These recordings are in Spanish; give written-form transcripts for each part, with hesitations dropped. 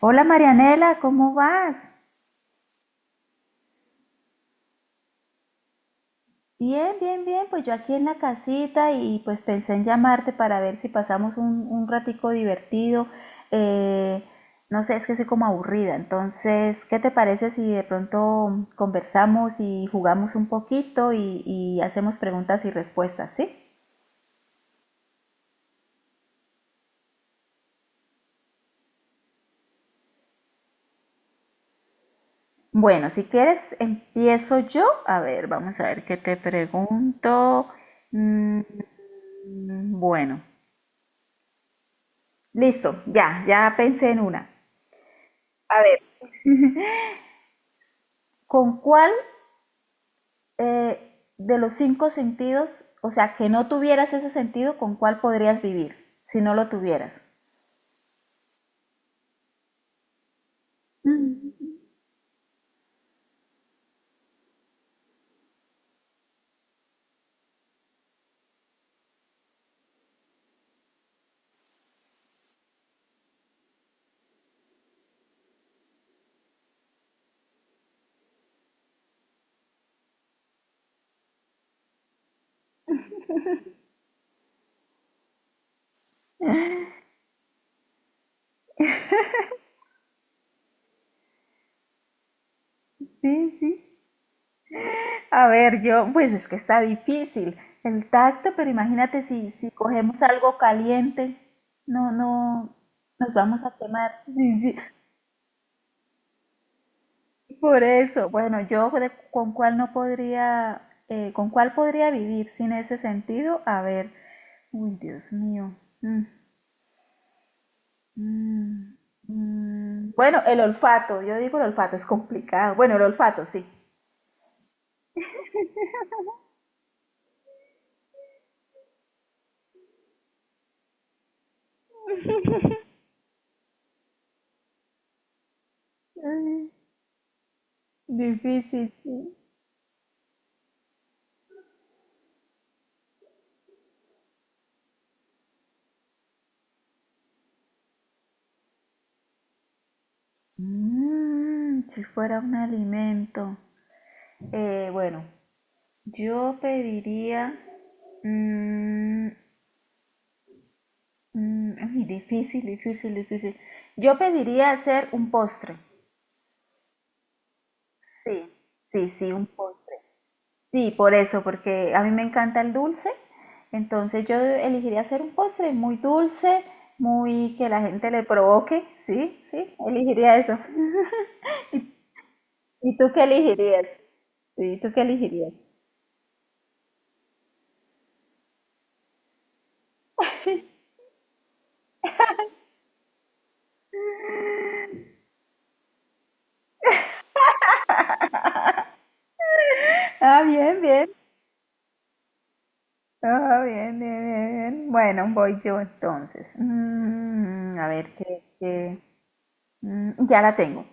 Hola, Marianela, ¿cómo vas? Bien, bien, bien, pues yo aquí en la casita y pues pensé en llamarte para ver si pasamos un ratico divertido. Eh, no sé, es que soy como aburrida, entonces, ¿qué te parece si de pronto conversamos y jugamos un poquito y hacemos preguntas y respuestas, sí? Bueno, si quieres, empiezo yo. A ver, vamos a ver qué te pregunto. Mm, bueno, listo, ya pensé en una. ¿Con cuál, de los cinco sentidos, o sea, que no tuvieras ese sentido, con cuál podrías vivir si no lo tuvieras? Sí, sí. A ver, yo, pues es que está difícil el tacto, pero imagínate si, si cogemos algo caliente, no, no, nos vamos a quemar. Sí, sí. Por eso, bueno, con cuál no podría, con cuál podría vivir sin ese sentido, a ver, uy, Dios mío. Mm. Mm, bueno, el olfato, yo digo el olfato, es complicado. Bueno, el olfato, sí. Mm, difícil, sí. Si fuera un alimento. Bueno, yo pediría... mm, ay, difícil, difícil, difícil. Yo pediría hacer un postre. Sí, sí, sí, un postre. Sí, por eso, porque a mí me encanta el dulce, entonces yo elegiría hacer un postre muy dulce, muy que la gente le provoque, sí, sí, elegiría eso. ¿Y tú qué elegirías? Sí, ¿tú qué elegirías? Ah, bien, bien. Ah, bien, bien, bien, bien. Bueno, voy yo entonces. A ver, ya la tengo.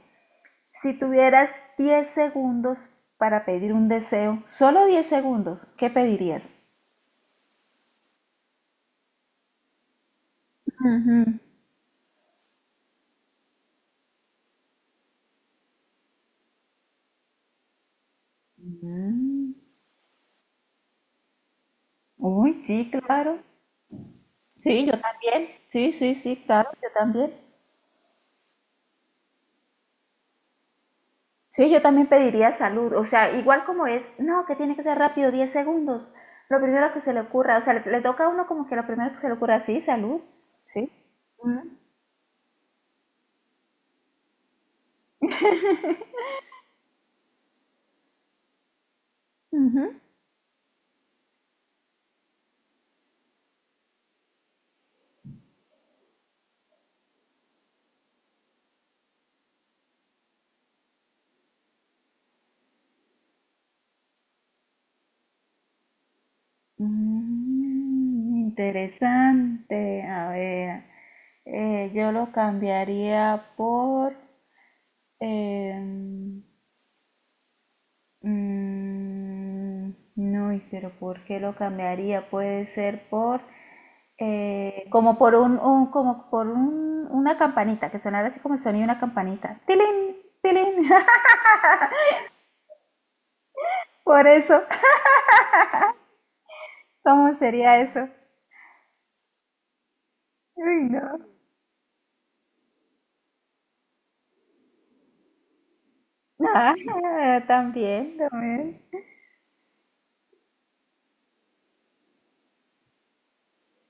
Si tuvieras 10 segundos para pedir un deseo, solo 10 segundos, ¿qué pedirías? Ujú. Mm. Uy, sí, claro. Sí, yo también. Sí, sí, sí, claro, yo también. Sí, yo también pediría salud. O sea, igual como es, no, que tiene que ser rápido, 10 segundos. Lo primero que se le ocurra. O sea, le toca a uno como que lo primero que se le ocurra, sí, salud. Sí. Mm, ujú. Mm, interesante. A ver, yo lo cambiaría por... em, no, y pero ¿por qué lo cambiaría? Puede ser por como por como por un, una campanita que sonara así como el sonido de una campanita. Tilín, tilín. Por eso, ¿cómo sería eso? Uy, no. Ah, también, también.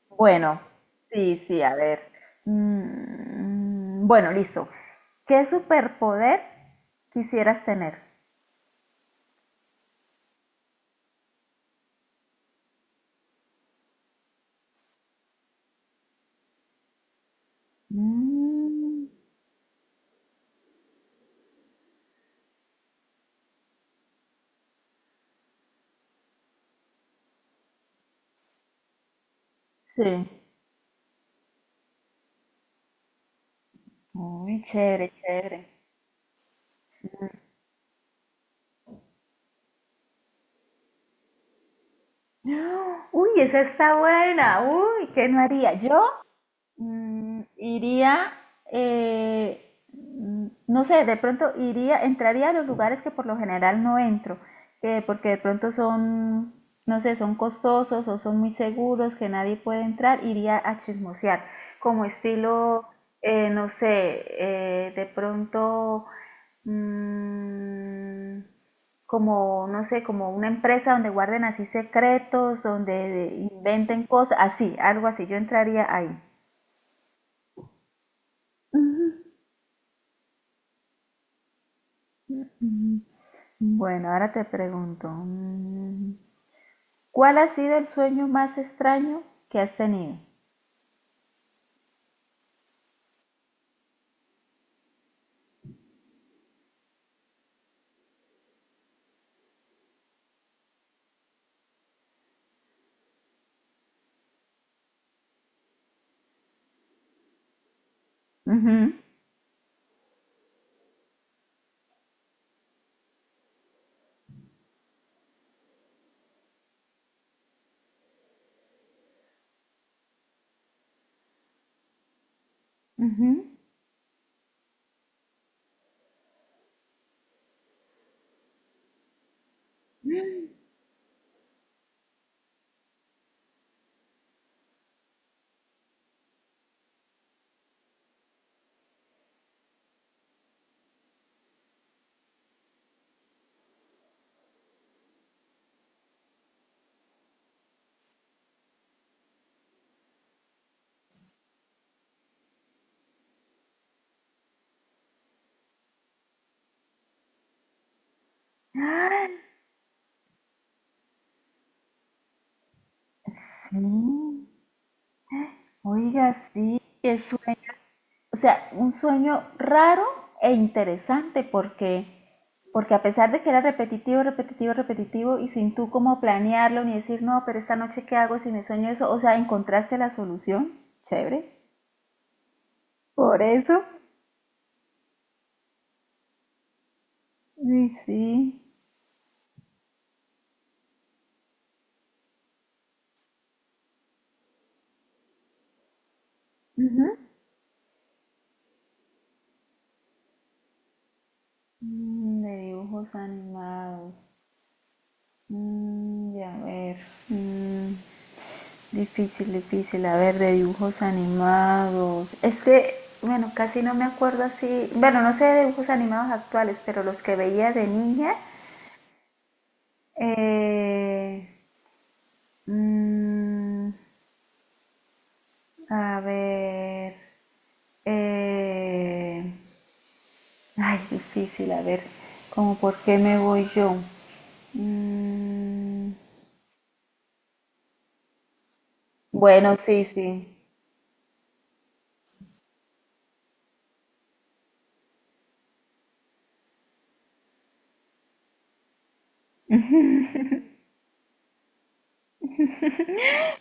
Bueno, sí, sí, a ver. Bueno, listo. ¿Qué superpoder quisieras tener? Mm, sí. Muy chévere, chévere. ¡Ah! Uy, esa está buena. Uy, ¿qué no haría? Yo iría, no sé, de pronto iría, entraría a los lugares que por lo general no entro, que porque de pronto son, no sé, son costosos o son muy seguros, que nadie puede entrar, iría a chismosear, como estilo, no sé, de pronto mm, como, no sé, como una empresa donde guarden así secretos, donde inventen cosas, así, algo así, yo entraría ahí. Ujú. Bueno, ahora te pregunto, ¿cuál ha sido el sueño más extraño que has tenido? Ujú, ujú. ¡Ah! Sí, oiga, sí, qué sueño, o sea, un sueño raro e interesante porque, porque a pesar de que era repetitivo, repetitivo, repetitivo y sin tú cómo planearlo ni decir, no, pero esta noche qué hago si me sueño eso, o sea, encontraste la solución, chévere. Por eso, sí, sí. Ujú. De dibujos animados. Ya ver. Mm, Difícil, difícil. A ver, de dibujos animados. Es que, bueno, casi no me acuerdo así. Bueno, no sé de dibujos animados actuales, pero los que veía de niña. eh, mm, a ver. eh, ay, difícil. A ver, como por qué me voy yo. Mm, bueno, sí, sí.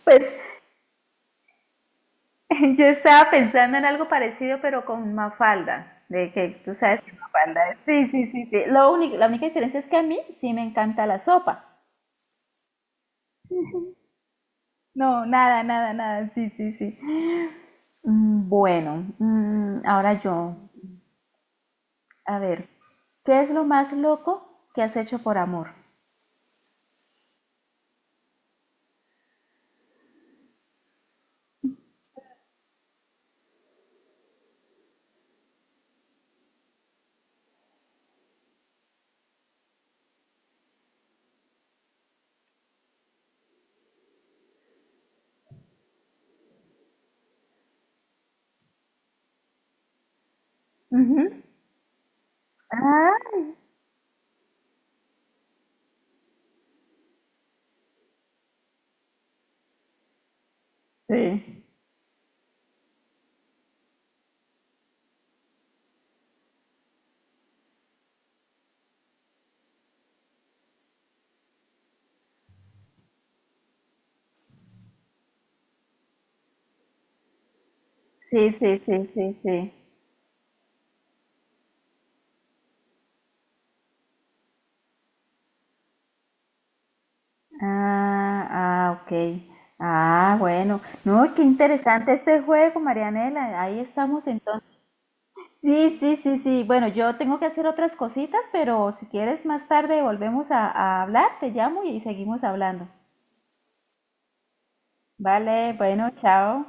Pues yo estaba pensando en algo parecido, pero con Mafalda, de que tú sabes que Mafalda es. Sí, sí, sí, sí. Lo único, la única diferencia es que a mí sí me encanta la sopa. No, nada, nada, nada. Sí, sí, sí. Bueno, ahora yo. A ver, ¿qué es lo más loco que has hecho por amor? Ujú. Ay. Sí. Sí, sí, sí, sí, sí. Ah, ah, ok. Ah, bueno. No, qué interesante este juego, Marianela. Ahí estamos entonces. Sí, sí, sí, sí. Bueno, yo tengo que hacer otras cositas, pero si quieres más tarde volvemos a hablar, te llamo y seguimos hablando. Vale, bueno, chao.